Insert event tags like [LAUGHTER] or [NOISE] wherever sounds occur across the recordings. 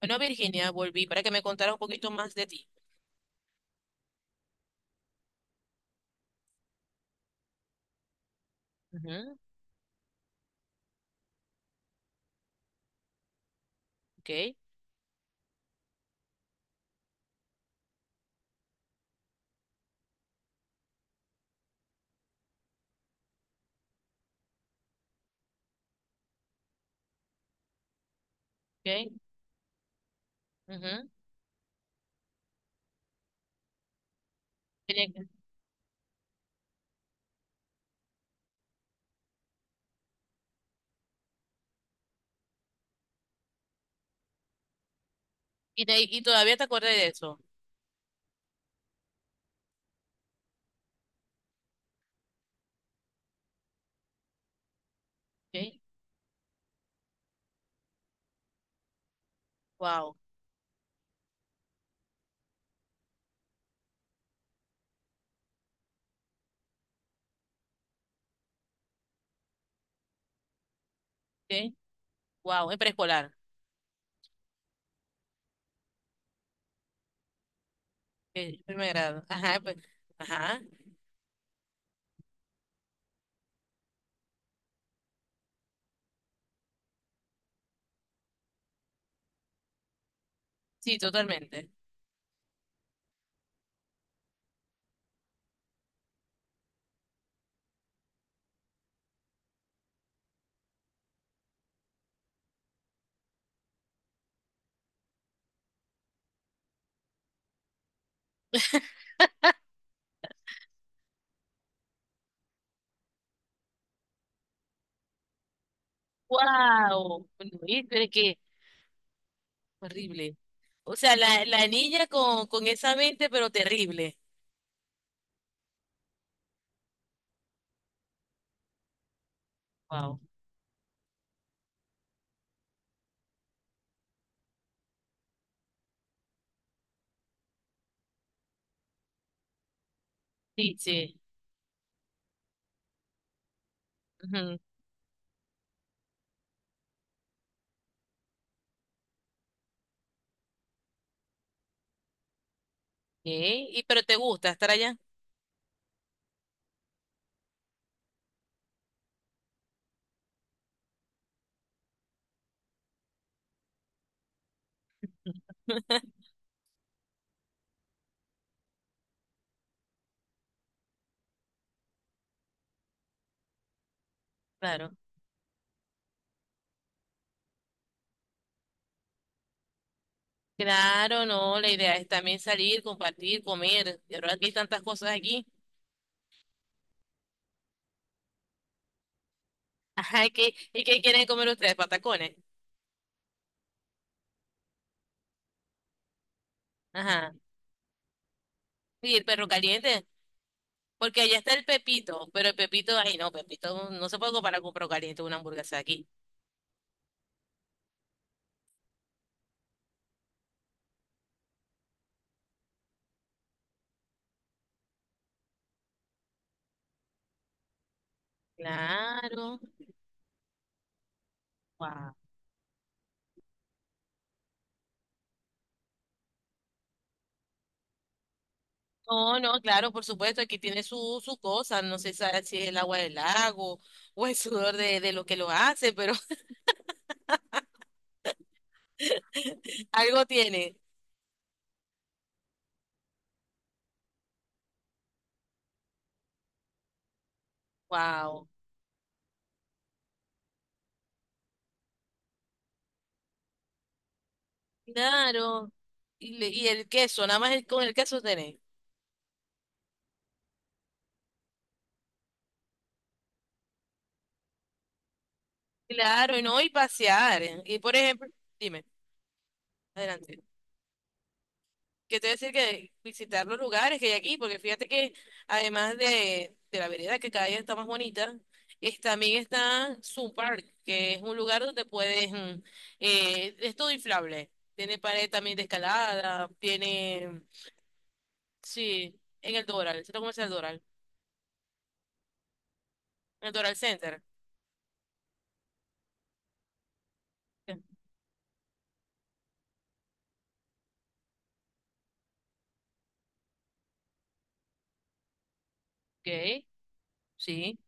Bueno, Virginia, volví para que me contara un poquito más de ti. Ujú, ok, ok, ujú. Tenía que- y todavía te acuerdas de eso? Okay, wow, ok, wow, en preescolar, ok, primer grado. Ajá, pues, ajá, sí, totalmente. [LAUGHS] Wow, pero es que horrible. O sea, la niña con esa mente, pero terrible. Wow, sí, sí. Ujú, ok. Y pero te gusta estar allá? [LAUGHS] Claro. Claro, no, la idea es también salir, compartir, comer. De verdad que hay tantas cosas aquí. [LAUGHS] Ajá, ¿y qué quieren comer ustedes? Patacones. Ajá. Y el perro caliente, porque allá está el Pepito, pero el Pepito, ay no, Pepito no se puede comparar con perro caliente una hamburguesa aquí. Claro. Wow. No, no, claro, por supuesto, aquí tiene su cosa, no sé si es el agua del lago o el sudor de lo que lo hace, pero [LAUGHS] algo tiene. Wow. Claro. Y el queso, nada más con el queso tenés. Claro, y no, y pasear. ¿Eh? Y por ejemplo, dime, adelante. Que te voy a decir que visitar los lugares que hay aquí, porque fíjate que además de la vereda que cada día está más bonita, también está Zoo Park, que es un lugar donde puedes, es todo inflable. Tiene pared también de escalada, tiene, sí, en el Doral, el centro comercial Doral, en el Doral Center. Ok, sí.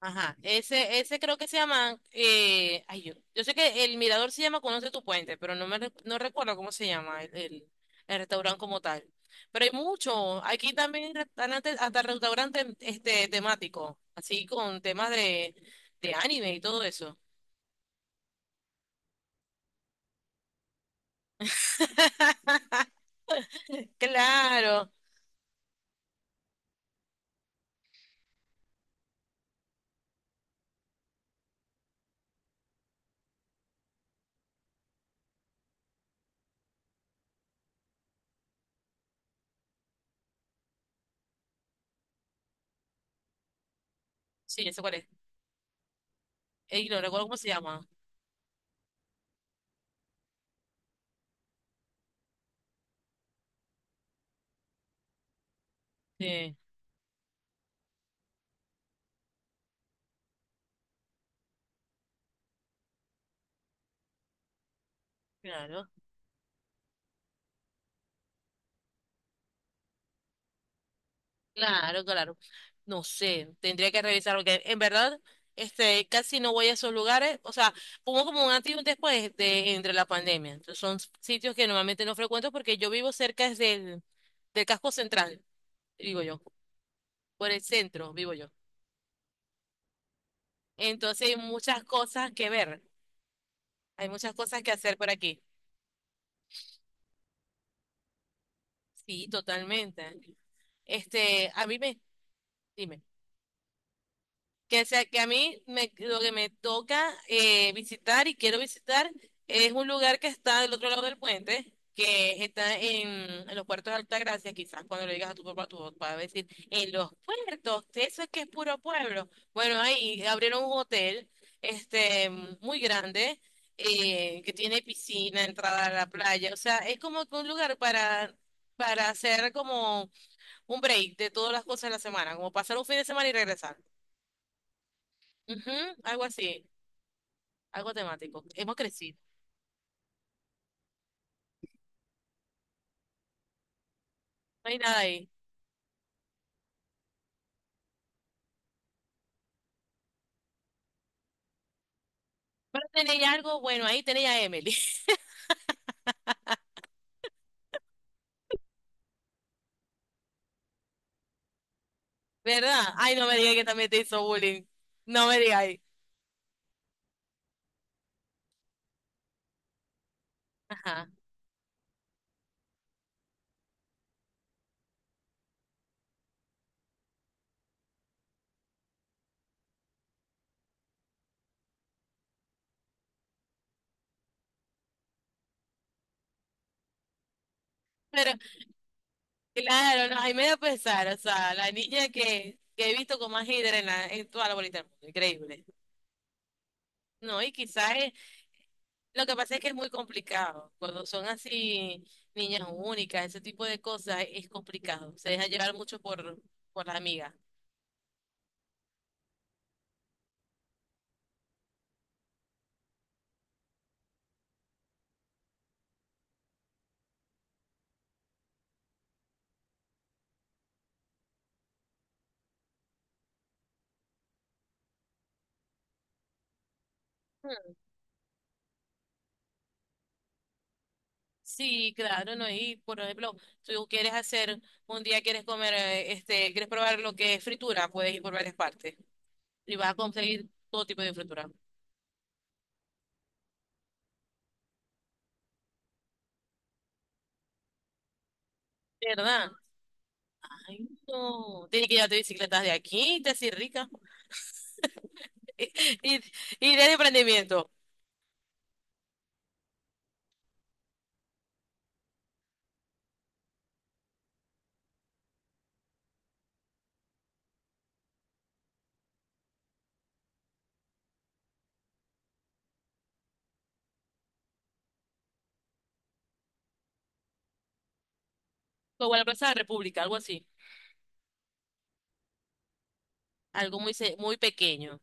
Ajá, ese creo que se llama, ay, yo sé que el mirador se llama Conoce tu puente, pero no recuerdo cómo se llama el restaurante como tal. Pero hay muchos, aquí también hay restaurantes, hasta restaurantes este, temáticos, así con temas de anime y todo eso. [LAUGHS] Claro, sí, ese cuál es. Y no recuerdo cómo se llama. Sí, claro. Claro, claro. No sé, tendría que revisar porque en verdad este casi no voy a esos lugares, o sea, hubo como un antes y un después de entre la pandemia. Entonces, son sitios que normalmente no frecuento porque yo vivo cerca es del casco central, digo yo, por el centro vivo yo. Entonces, hay muchas cosas que ver, hay muchas cosas que hacer por aquí. Sí, totalmente. Este, a mí me, dime. Que sea que a mí me, lo que me toca visitar y quiero visitar es un lugar que está del otro lado del puente, que está en los puertos de Altagracia, quizás cuando le digas a tu papá va a decir, en los puertos, eso es que es puro pueblo. Bueno, ahí abrieron un hotel este, muy grande. Que tiene piscina, entrada a la playa, o sea, es como que un lugar para, hacer como un break de todas las cosas de la semana, como pasar un fin de semana y regresar. Ujú, algo así, algo temático. Hemos crecido. No hay nada ahí. Pero tenéis algo bueno, ahí tenéis a Emily. [LAUGHS] ¿Verdad? Ay, no me digas que también te hizo bullying. No me digáis. Ajá. Pero claro, no, ahí me da pesar. O sea, la niña que he visto con más hidra en, en toda la bolita del mundo. Increíble. No, y quizás lo que pasa es que es muy complicado. Cuando son así niñas únicas, ese tipo de cosas, es complicado. Se deja llevar mucho por la amiga. Sí, claro, ¿no? Y por ejemplo, tú quieres hacer, un día quieres comer, este, quieres probar lo que es fritura, puedes ir por varias partes y vas a conseguir todo tipo de fritura. ¿Verdad? Ay, no. Tienes que llevarte bicicletas de aquí, te haces rica. [LAUGHS] Y, y y de emprendimiento, como la Plaza de la República, algo así. Algo muy, muy pequeño.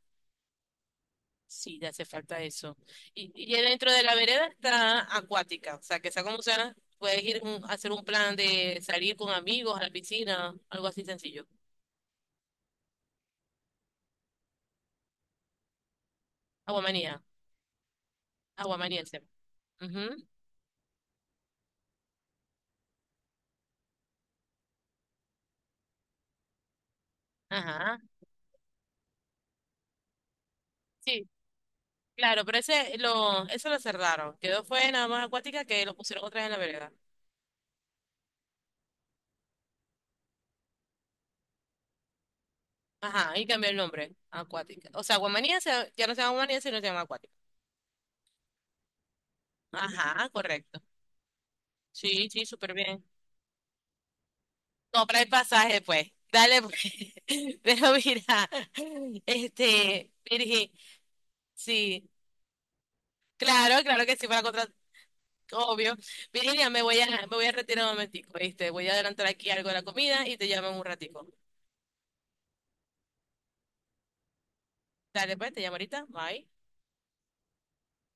Sí, ya hace falta eso. Y dentro de la vereda está acuática, o sea, que sea como sea, puedes ir a hacer un plan de salir con amigos a la piscina, algo así sencillo. Aguamanía, aguamanía se llama. Ujú, ajá, sí, claro, pero eso lo cerraron. Quedó fue nada más acuática que lo pusieron otra vez en la vereda. Ajá, y cambió el nombre, acuática. O sea, aguamanía ya no se llama aguamanía, sino se llama acuática. Ajá, correcto. Sí, sí, súper bien. Compra el pasaje, pues. Dale, pues. [LAUGHS] Pero mira, este, Virgil, sí, claro, claro que sí, para contra, obvio. Virginia, me voy a retirar un momentico, ¿viste? Voy a adelantar aquí algo de la comida y te llamo en un ratico. Dale, pues, te llamo ahorita. Bye.